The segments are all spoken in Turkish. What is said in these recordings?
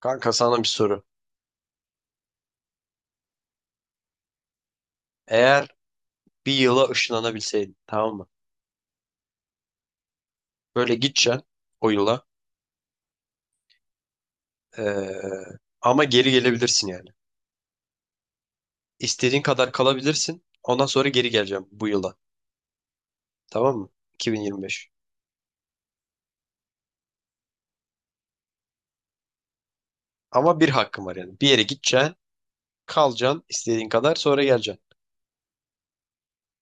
Kanka, sana bir soru. Eğer bir yıla ışınlanabilseydin, tamam mı? Böyle gideceksin o yıla. ee, Ama geri gelebilirsin yani. İstediğin kadar kalabilirsin. Ondan sonra geri geleceğim bu yıla. Tamam mı? 2025. Ama bir hakkın var yani. Bir yere gideceksin, kalacaksın istediğin kadar, sonra geleceksin.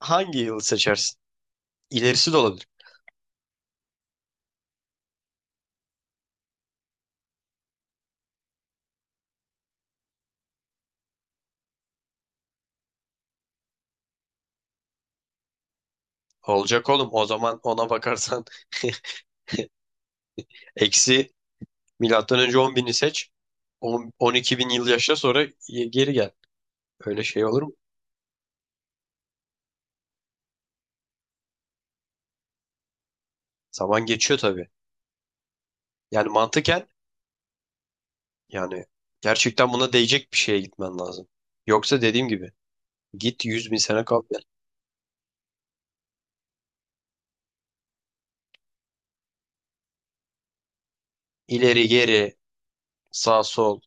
Hangi yılı seçersin? İlerisi de olabilir. Olacak oğlum. O zaman ona bakarsan eksi milattan önce on bini seç. 10 12 bin yıl yaşa, sonra geri gel. Öyle şey olur mu? Zaman geçiyor tabii. Yani mantıken, yani gerçekten buna değecek bir şeye gitmen lazım. Yoksa dediğim gibi, git 100 bin sene kal gel. İleri geri, sağ sol.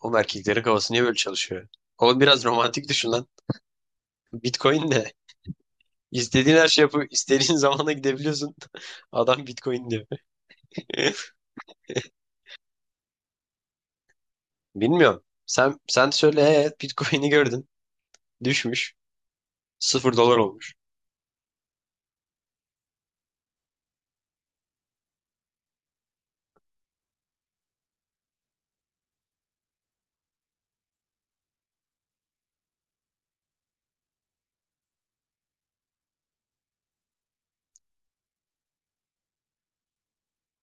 Oğlum, erkeklerin kafası niye böyle çalışıyor? Oğlum biraz romantik düşün lan. Bitcoin ne? İstediğin her şey yapıp istediğin zamana gidebiliyorsun. Adam Bitcoin diyor. Bilmiyorum. Sen söyle, evet, Bitcoin'i gördün. Düşmüş. Sıfır dolar olmuş.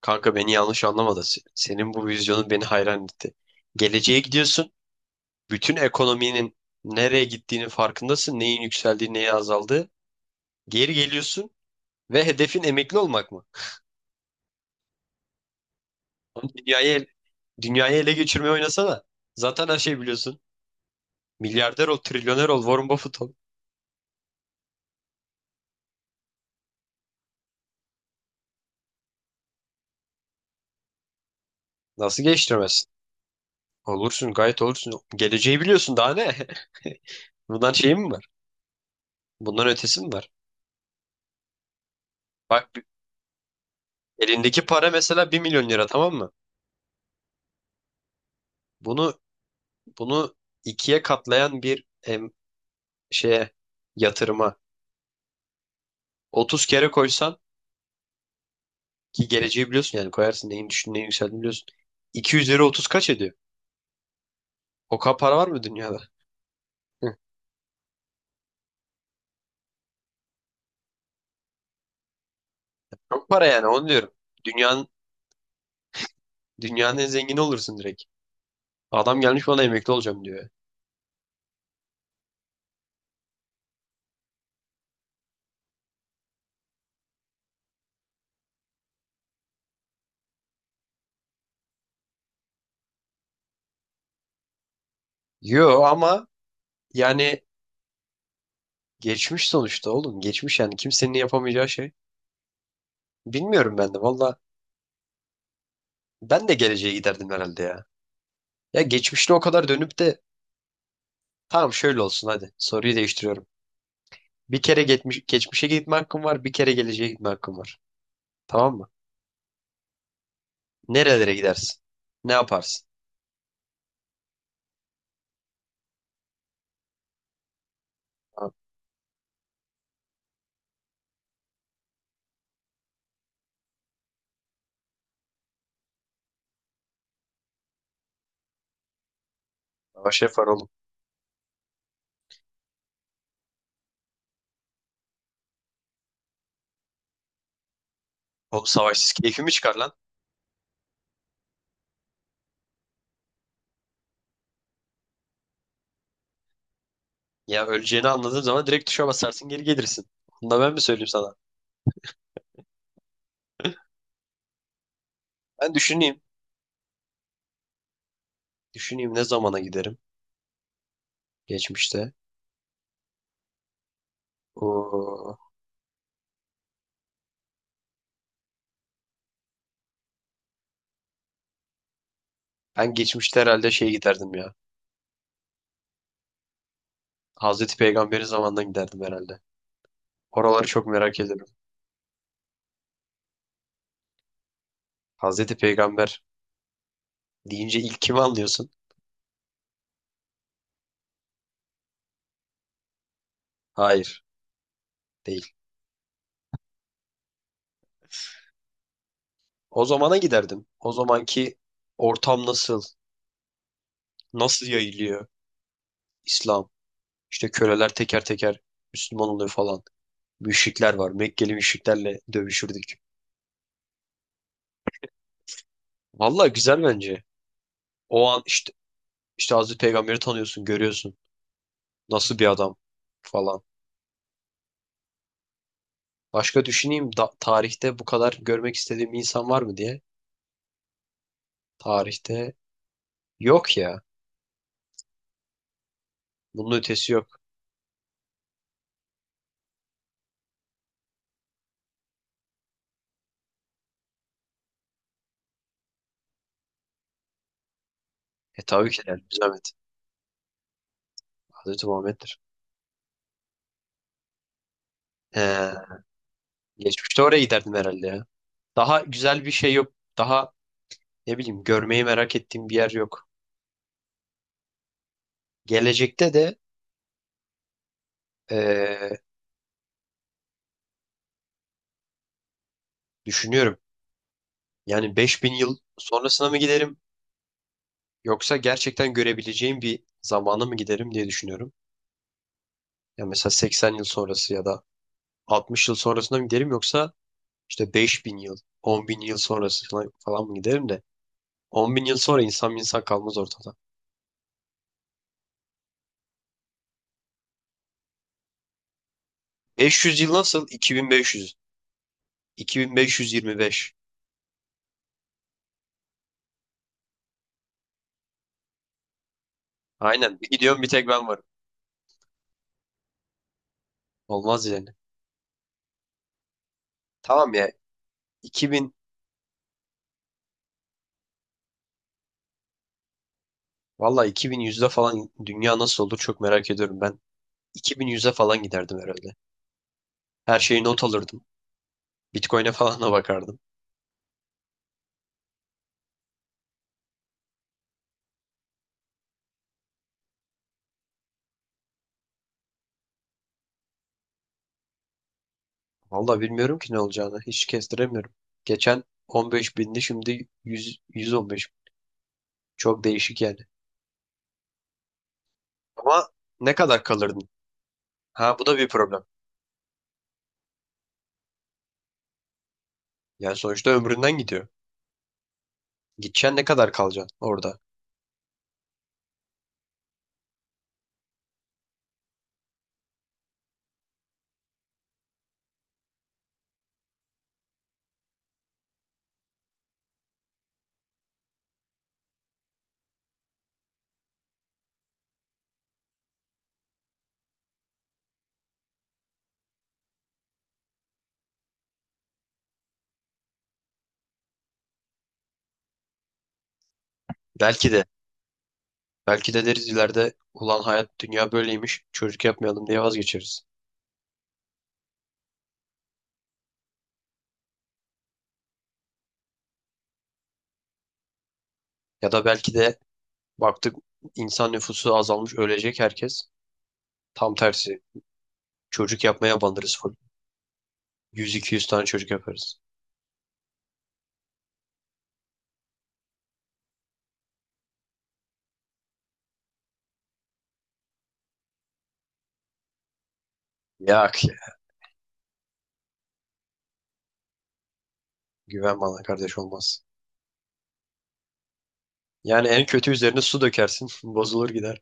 Kanka, beni yanlış anlama da senin bu vizyonun beni hayran etti. Geleceğe gidiyorsun. Bütün ekonominin nereye gittiğinin farkındasın. Neyin yükseldiği, neyin azaldığı. Geri geliyorsun ve hedefin emekli olmak mı? Oğlum, dünyayı ele geçirmeye oynasana. Zaten her şeyi biliyorsun. Milyarder ol, trilyoner ol, Warren Buffett ol. Nasıl geçtiremezsin? Olursun, gayet olursun. Geleceği biliyorsun, daha ne? Bundan şey mi var? Bundan ötesi mi var? Bak bir- Elindeki para mesela bir milyon lira, tamam mı? Bunu bunu ikiye katlayan bir şeye yatırıma 30 kere koysan, ki geleceği biliyorsun yani, koyarsın, neyin düştüğünü neyin yükseldiğini biliyorsun. 2 üzeri 30 kaç ediyor? O kadar para var mı dünyada? Hı. Çok para, yani onu diyorum. Dünyanın, dünyanın en zengini olursun direkt. Adam gelmiş bana emekli olacağım diyor. Yo ama yani geçmiş sonuçta oğlum. Geçmiş, yani kimsenin yapamayacağı şey. Bilmiyorum ben de valla. Ben de geleceğe giderdim herhalde ya. Ya geçmişte o kadar dönüp de, tamam şöyle olsun hadi. Soruyu değiştiriyorum. Bir kere geçmiş, geçmişe gitme hakkım var, bir kere geleceğe gitme hakkım var. Tamam mı? Nerelere gidersin? Ne yaparsın? Abi, savaş yapar oğlum. Oğlum, savaşsız keyfi mi çıkar lan? Ya, öleceğini anladığın zaman direkt tuşa basarsın, geri gelirsin. Onu da ben mi söyleyeyim sana? Ben düşüneyim. Düşüneyim, ne zamana giderim? Geçmişte. Oo. Ben geçmişte herhalde şey giderdim ya. Hazreti Peygamber'in zamanına giderdim herhalde. Oraları çok merak ederim. Hazreti Peygamber deyince ilk kimi anlıyorsun? Hayır, değil. O zamana giderdim. O zamanki ortam nasıl? Nasıl yayılıyor İslam? İşte köleler teker teker Müslüman oluyor falan. Müşrikler var. Mekkeli müşriklerle dövüşürdük. Vallahi güzel bence. O an, işte Hazreti Peygamber'i tanıyorsun, görüyorsun. Nasıl bir adam falan. Başka düşüneyim da, tarihte bu kadar görmek istediğim insan var mı diye. Tarihte yok ya. Bunun ötesi yok. E tabii ki de, bir zahmet. Hazreti Muhammed'dir. He, geçmişte oraya giderdim herhalde ya. Daha güzel bir şey yok. Daha ne bileyim, görmeyi merak ettiğim bir yer yok. Gelecekte de düşünüyorum. Yani 5000 yıl sonrasına mı giderim yoksa gerçekten görebileceğim bir zamana mı giderim diye düşünüyorum. Ya mesela 80 yıl sonrası ya da 60 yıl sonrasına mı giderim, yoksa işte 5000 yıl, 10.000 yıl sonrasına falan mı giderim de. 10.000 yıl sonra insan, bir insan kalmaz ortada. Beş yüz yıl nasıl? Bin beş, beş yüz. İki bin beş yüz yirmi beş. Aynen. Bir gidiyorum, bir tek ben varım. Olmaz yani. Tamam ya. İki bin. Valla iki bin yüzde falan dünya nasıl olur çok merak ediyorum ben. 2100'e falan giderdim herhalde. Her şeyi not alırdım. Bitcoin'e falan da bakardım. Vallahi bilmiyorum ki ne olacağını. Hiç kestiremiyorum. Geçen 15 bindi, şimdi 100, 115. Çok değişik yani. Ama ne kadar kalırdın? Ha, bu da bir problem. Yani sonuçta ömründen gidiyor. Gideceksin, ne kadar kalacaksın orada? Belki de. Belki de deriz ileride, ulan hayat, dünya böyleymiş, çocuk yapmayalım diye vazgeçeriz. Ya da belki de baktık, insan nüfusu azalmış, ölecek herkes. Tam tersi çocuk yapmaya banırız full. 100-200 tane çocuk yaparız. Ya, güven bana kardeş, olmaz. Yani en kötü üzerine su dökersin. Bozulur gider.